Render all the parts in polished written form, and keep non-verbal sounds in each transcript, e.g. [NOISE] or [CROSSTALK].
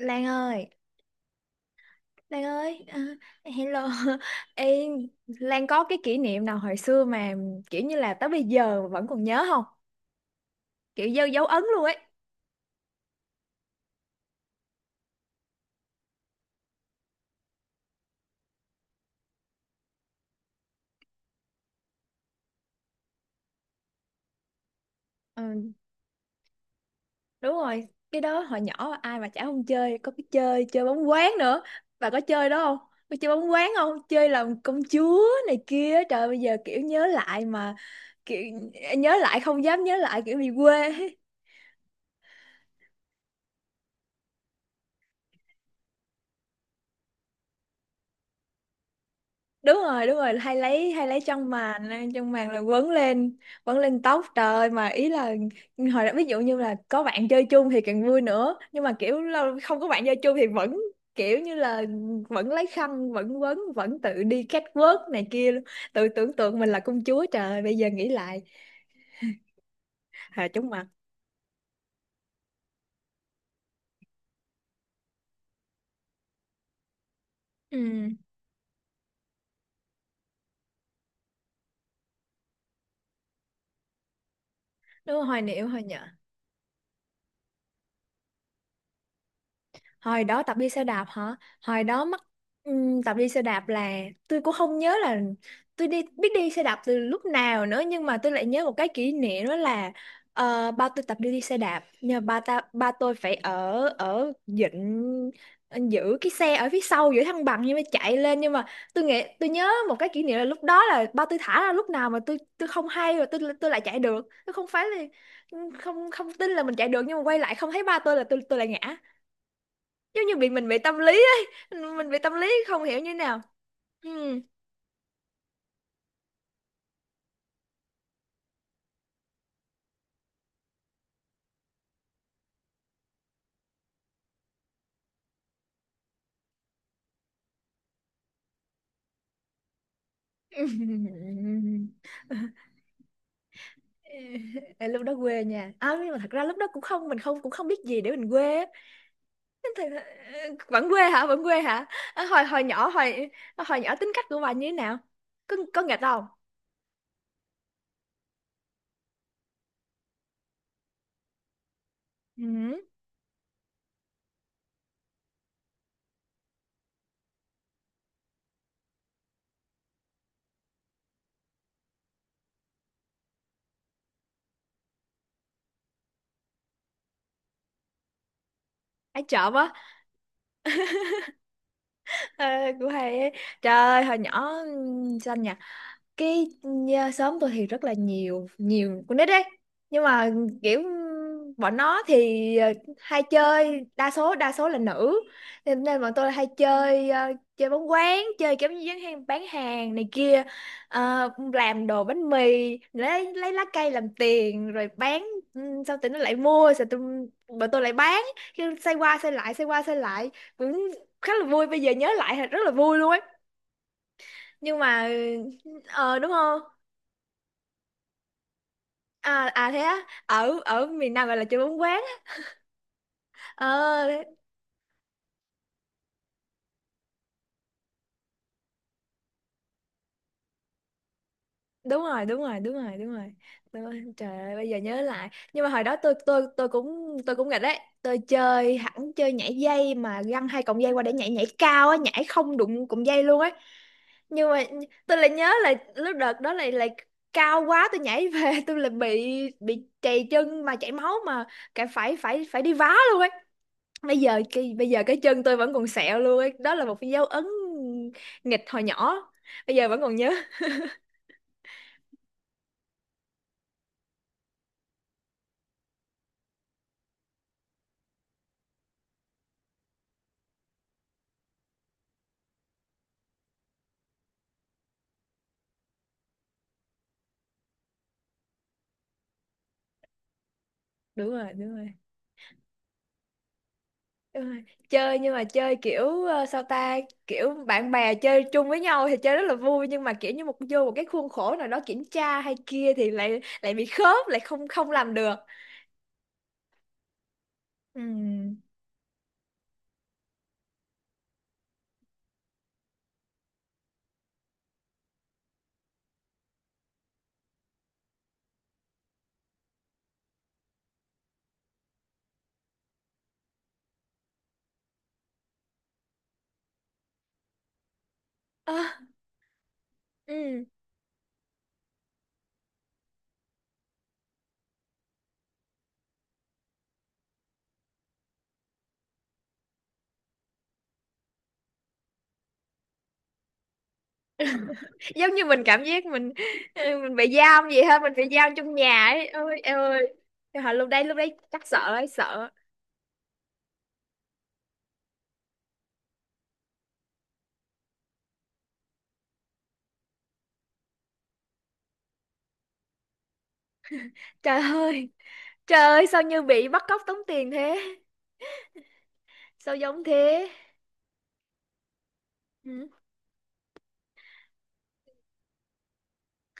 Lan ơi, Lan ơi, à, hello. [LAUGHS] Ê, Lan có cái kỷ niệm nào hồi xưa mà kiểu như là tới bây giờ vẫn còn nhớ không? Kiểu dấu dấu ấn luôn ấy. Ừ, đúng rồi, cái đó hồi nhỏ ai mà chả không chơi, có cái chơi chơi bóng quán nữa. Bà có chơi đó không? Có chơi bóng quán không? Chơi làm công chúa này kia. Trời bây giờ kiểu nhớ lại mà kiểu nhớ lại không dám nhớ lại kiểu bị quê. Đúng rồi đúng rồi, hay lấy chân màn, chân màn là quấn lên, quấn lên tóc trời ơi, mà ý là hồi đó ví dụ như là có bạn chơi chung thì càng vui nữa, nhưng mà kiểu không có bạn chơi chung thì vẫn kiểu như là vẫn lấy khăn vẫn quấn vẫn tự đi catwalk này kia luôn. Tự tưởng tượng mình là công chúa trời ơi, bây giờ nghĩ lại hà chóng mặt. Ừ, đúng rồi, hoài niệm hồi nhở. Hồi đó tập đi xe đạp hả? Hồi đó mắc tập đi xe đạp là tôi cũng không nhớ là tôi biết đi xe đạp từ lúc nào nữa, nhưng mà tôi lại nhớ một cái kỷ niệm đó là ba tôi tập đi đi xe đạp, nhờ ba tôi phải ở ở dịnh giữ cái xe ở phía sau giữ thăng bằng, nhưng mà chạy lên, nhưng mà tôi nghĩ tôi nhớ một cái kỷ niệm là lúc đó là ba tôi thả ra lúc nào mà tôi không hay, rồi tôi lại chạy được, tôi không phải là không không tin là mình chạy được, nhưng mà quay lại không thấy ba tôi là tôi lại ngã, giống như bị mình bị tâm lý ấy, mình bị tâm lý không hiểu như thế nào. Ừ. [LAUGHS] Ờ, lúc đó quê nha, à, nhưng mà thật ra lúc đó cũng không, mình không, cũng không biết gì để mình quê á. Nên thật, ờ, vẫn quê hả, vẫn quê hả? À, hồi hồi nhỏ hồi hồi nhỏ tính cách của bà như thế nào, có nghịch không? Ừ. Ai trộm quá? [LAUGHS] Ờ, của hay ấy. Trời ơi hồi nhỏ xanh nhở. Cái nhà, xóm tôi thì rất là nhiều, nhiều con nít đấy, nhưng mà kiểu bọn nó thì hay chơi, đa số là nữ, nên, nên bọn tôi hay chơi chơi bóng quán, chơi kiểu như bán hàng này kia. Ờ, làm đồ bánh mì, lấy lá cây làm tiền rồi bán. Ừ, sau tụi nó lại mua, sau tụi, bọn tôi lại bán, cứ xoay qua xoay lại xoay qua xoay lại, cũng khá là vui, bây giờ nhớ lại thì rất là vui luôn ấy, nhưng mà ờ đúng không, à à thế á? Ở ở miền Nam gọi là chơi bóng quán. Ờ, đúng rồi đúng rồi. Trời ơi bây giờ nhớ lại, nhưng mà hồi đó tôi cũng nghịch đấy, tôi chơi hẳn chơi nhảy dây mà găng hai cọng dây qua để nhảy nhảy cao á, nhảy không đụng cọng dây luôn ấy, nhưng mà tôi lại nhớ là lúc đợt đó lại lại cao quá tôi nhảy về [LAUGHS] tôi lại bị trầy chân mà chảy máu, mà cả phải phải phải đi vá luôn ấy. Bây giờ cái, bây giờ cái chân tôi vẫn còn sẹo luôn ấy. Đó là một cái dấu ấn nghịch hồi nhỏ, bây giờ vẫn còn nhớ. Đúng rồi đúng rồi đúng rồi. Chơi, nhưng mà chơi kiểu sao ta, kiểu bạn bè chơi chung với nhau thì chơi rất là vui, nhưng mà kiểu như một vô một cái khuôn khổ nào đó kiểm tra hay kia thì lại lại bị khớp lại, không không làm được. Ừm. Ơ, ừm. Giống như mình cảm giác mình [LAUGHS] mình bị giam vậy ha, mình bị giam trong nhà ấy, ôi em ơi. Trời ơi, lúc đấy chắc sợ ấy, sợ trời ơi. Trời ơi, sao như bị bắt cóc tống tiền thế? Sao giống thế? Ừ.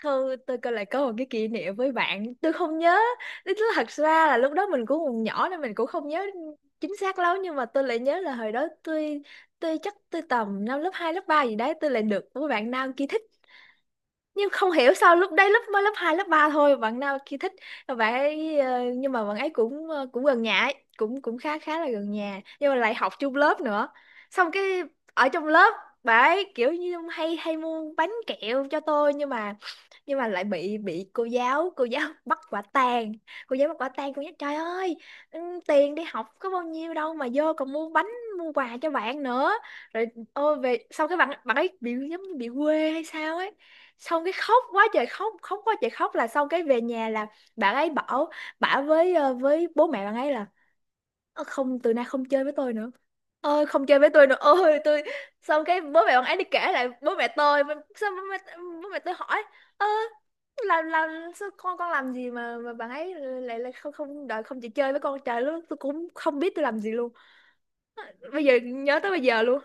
Thôi, tôi coi lại có một cái kỷ niệm với bạn. Tôi không nhớ. Tức là thật ra là lúc đó mình cũng còn nhỏ nên mình cũng không nhớ chính xác lắm. Nhưng mà tôi lại nhớ là hồi đó tôi chắc tôi tầm năm lớp 2 lớp 3 gì đấy. Tôi lại được một bạn nam kia thích. Nhưng không hiểu sao lúc đấy lúc mới lớp 2 lớp 3 thôi bạn nào kia thích, bạn ấy nhưng mà bạn ấy cũng cũng gần nhà ấy, cũng cũng khá, khá là gần nhà, nhưng mà lại học chung lớp nữa, xong cái ở trong lớp bạn ấy kiểu như hay hay mua bánh kẹo cho tôi, nhưng mà lại bị cô giáo [LAUGHS] bắt quả tang, cô giáo bắt quả tang, cô nhắc trời ơi, ừ, tiền đi học có bao nhiêu đâu mà vô còn mua bánh, mua quà cho bạn nữa. Rồi ôi về sau cái bạn bạn ấy bị giống như bị quê hay sao ấy, xong cái khóc quá trời khóc, là xong cái về nhà là bạn ấy bảo, bảo với với bố mẹ bạn ấy là, ơ, không từ nay không chơi với tôi nữa, ơi không chơi với tôi nữa, ôi tôi, xong cái bố mẹ bạn ấy đi kể lại bố mẹ tôi, xong bố mẹ tôi hỏi, ơ, làm sao con làm gì mà bạn ấy lại lại không không đợi, không chịu chơi với con, trời lúc đó tôi cũng không biết tôi làm gì luôn, bây giờ nhớ tới bây giờ luôn.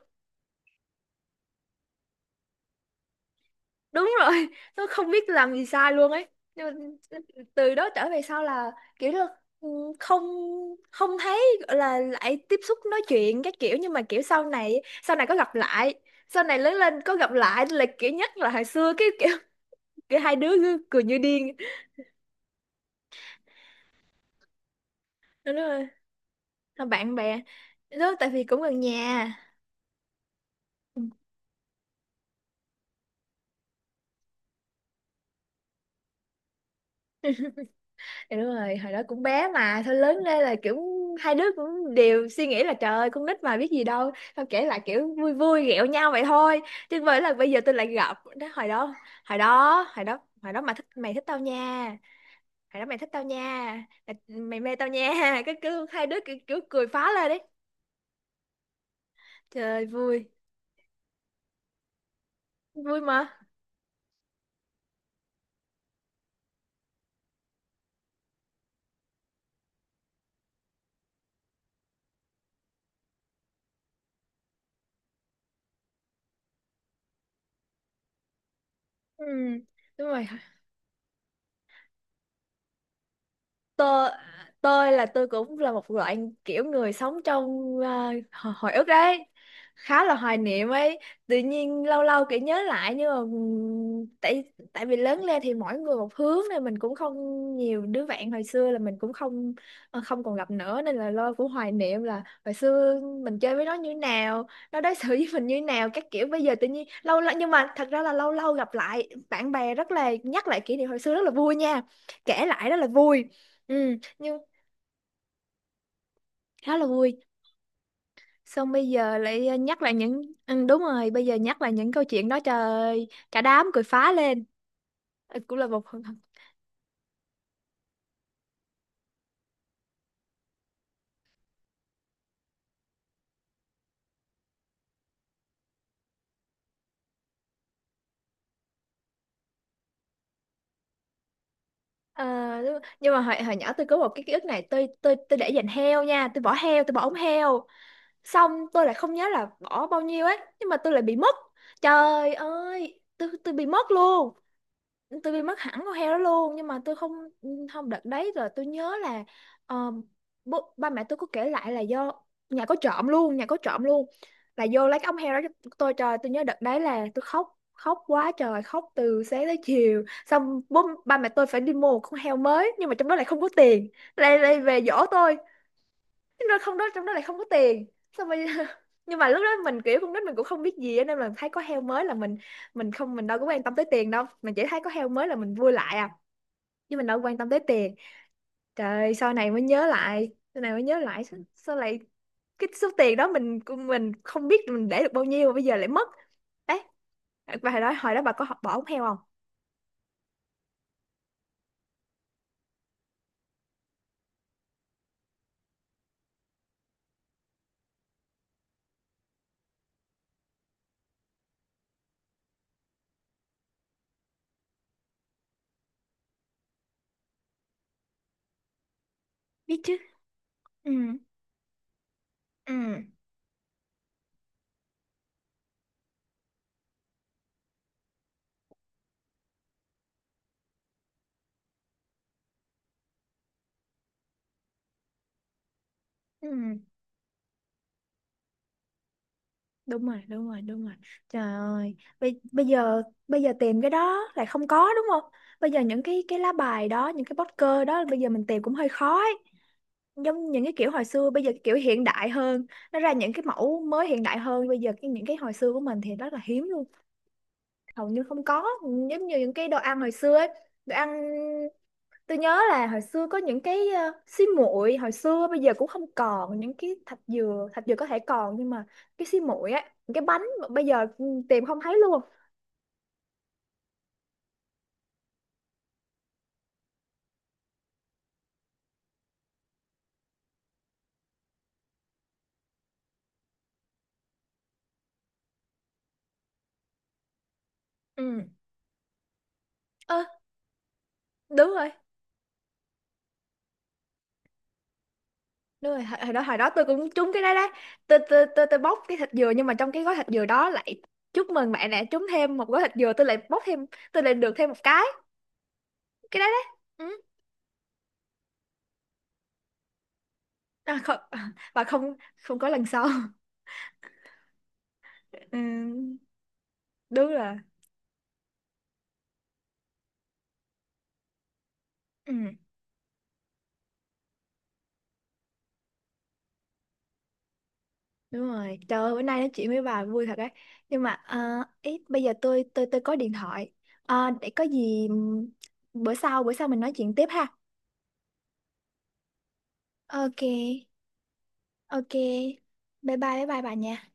Đúng rồi, [LAUGHS] nó không biết làm gì sai luôn ấy, nhưng mà từ đó trở về sau là kiểu là ừ, không, không thấy gọi là lại tiếp xúc nói chuyện các kiểu, nhưng mà kiểu sau này, sau này có gặp lại sau này lớn lên có gặp lại là kiểu nhắc là hồi xưa cái kiểu, kiểu hai đứa cứ cười như điên. Đúng rồi, là bạn bè đó tại vì cũng gần nhà. Ừ. Thì đúng rồi, hồi đó cũng bé mà. Thôi lớn lên là kiểu hai đứa cũng đều suy nghĩ là trời ơi con nít mà biết gì đâu. Xong kể lại kiểu vui vui ghẹo nhau vậy thôi. Chứ với là bây giờ tôi lại gặp đó, Hồi đó mà thích, mày thích tao nha, hồi đó mày thích tao nha, Mày mày mê tao nha. [LAUGHS] Cái cứ hai đứa kiểu, kiểu cười phá lên đấy, trời vui, vui mà. Ừ, đúng rồi, tôi tôi cũng là một loại kiểu người sống trong à, hồi ức đấy, khá là hoài niệm ấy. Tự nhiên lâu lâu kiểu nhớ lại, nhưng mà tại tại vì lớn lên thì mỗi người một hướng nên mình cũng không, nhiều đứa bạn hồi xưa là mình cũng không không còn gặp nữa, nên là lo cũng hoài niệm là hồi xưa mình chơi với nó như nào, nó đối xử [LAUGHS] với mình như nào các kiểu, bây giờ tự nhiên lâu lâu, nhưng mà thật ra là lâu lâu gặp lại bạn bè rất là nhắc lại kỷ niệm hồi xưa rất là vui nha, kể lại rất là vui. Ừ, nhưng khá là vui. Xong bây giờ lại nhắc lại những ừ, đúng rồi, bây giờ nhắc lại những câu chuyện đó trời ơi, cả đám cười phá lên. Ờ, cũng là một phần. Ờ, nhưng mà hồi nhỏ tôi có một cái ký ức này, tôi để dành heo nha, tôi bỏ heo, tôi bỏ ống heo, xong tôi lại không nhớ là bỏ bao nhiêu ấy, nhưng mà tôi lại bị mất, trời ơi tôi bị mất luôn, tôi bị mất hẳn con heo đó luôn, nhưng mà tôi không không đợt đấy rồi tôi nhớ là ờ, ba mẹ tôi có kể lại là do nhà có trộm luôn, là vô lấy cái ống heo đó cho tôi, trời tôi nhớ đợt đấy là tôi khóc, khóc quá trời khóc từ sáng tới chiều, xong ba mẹ tôi phải đi mua một con heo mới, nhưng mà trong đó lại không có tiền, lại lại về dỗ tôi, nhưng mà không đó trong đó lại không có tiền, xong rồi [LAUGHS] nhưng mà lúc đó mình kiểu con nít mình cũng không biết gì á, nên là thấy có heo mới là mình không mình đâu có quan tâm tới tiền đâu, mình chỉ thấy có heo mới là mình vui lại à, chứ mình đâu có quan tâm tới tiền. Trời sau này mới nhớ lại, sao, sao lại cái số tiền đó mình không biết mình để được bao nhiêu mà bây giờ lại mất. Đấy, và hồi đó, hồi đó bà có bỏ ống heo không? Biết chứ. ừ ừ ừ. Đúng rồi đúng rồi, trời ơi bây giờ, tìm cái đó lại không có đúng không, bây giờ những cái lá bài đó, những cái poster đó bây giờ mình tìm cũng hơi khó ấy. Giống những cái kiểu hồi xưa, bây giờ cái kiểu hiện đại hơn, nó ra những cái mẫu mới hiện đại hơn, bây giờ cái những cái hồi xưa của mình thì rất là hiếm luôn, hầu như không có. Giống như những cái đồ ăn hồi xưa ấy, đồ ăn tôi nhớ là hồi xưa có những cái xi muội hồi xưa bây giờ cũng không còn, những cái thạch dừa, thạch dừa có thể còn, nhưng mà cái xi muội á, những cái bánh mà bây giờ ừ, tìm không thấy luôn. Ừ. Ơ, đúng rồi đúng rồi, hồi đó, tôi cũng trúng cái đó đấy, tôi tôi bóc cái thạch dừa, nhưng mà trong cái gói thạch dừa đó lại chúc mừng bạn đã trúng thêm một gói thạch dừa, tôi lại bóc thêm, tôi lại được thêm một cái đấy. Đấy, ừ. À, không, à, không, không có lần sau. [LAUGHS] Ừ, đúng rồi. Ừ. Đúng rồi, trời ơi, bữa nay nói chuyện với bà vui thật đấy. Nhưng mà à, ý, bây giờ tôi tôi có điện thoại. À, để có gì bữa sau mình nói chuyện tiếp ha. Ok, ok. Bye bye bà nha.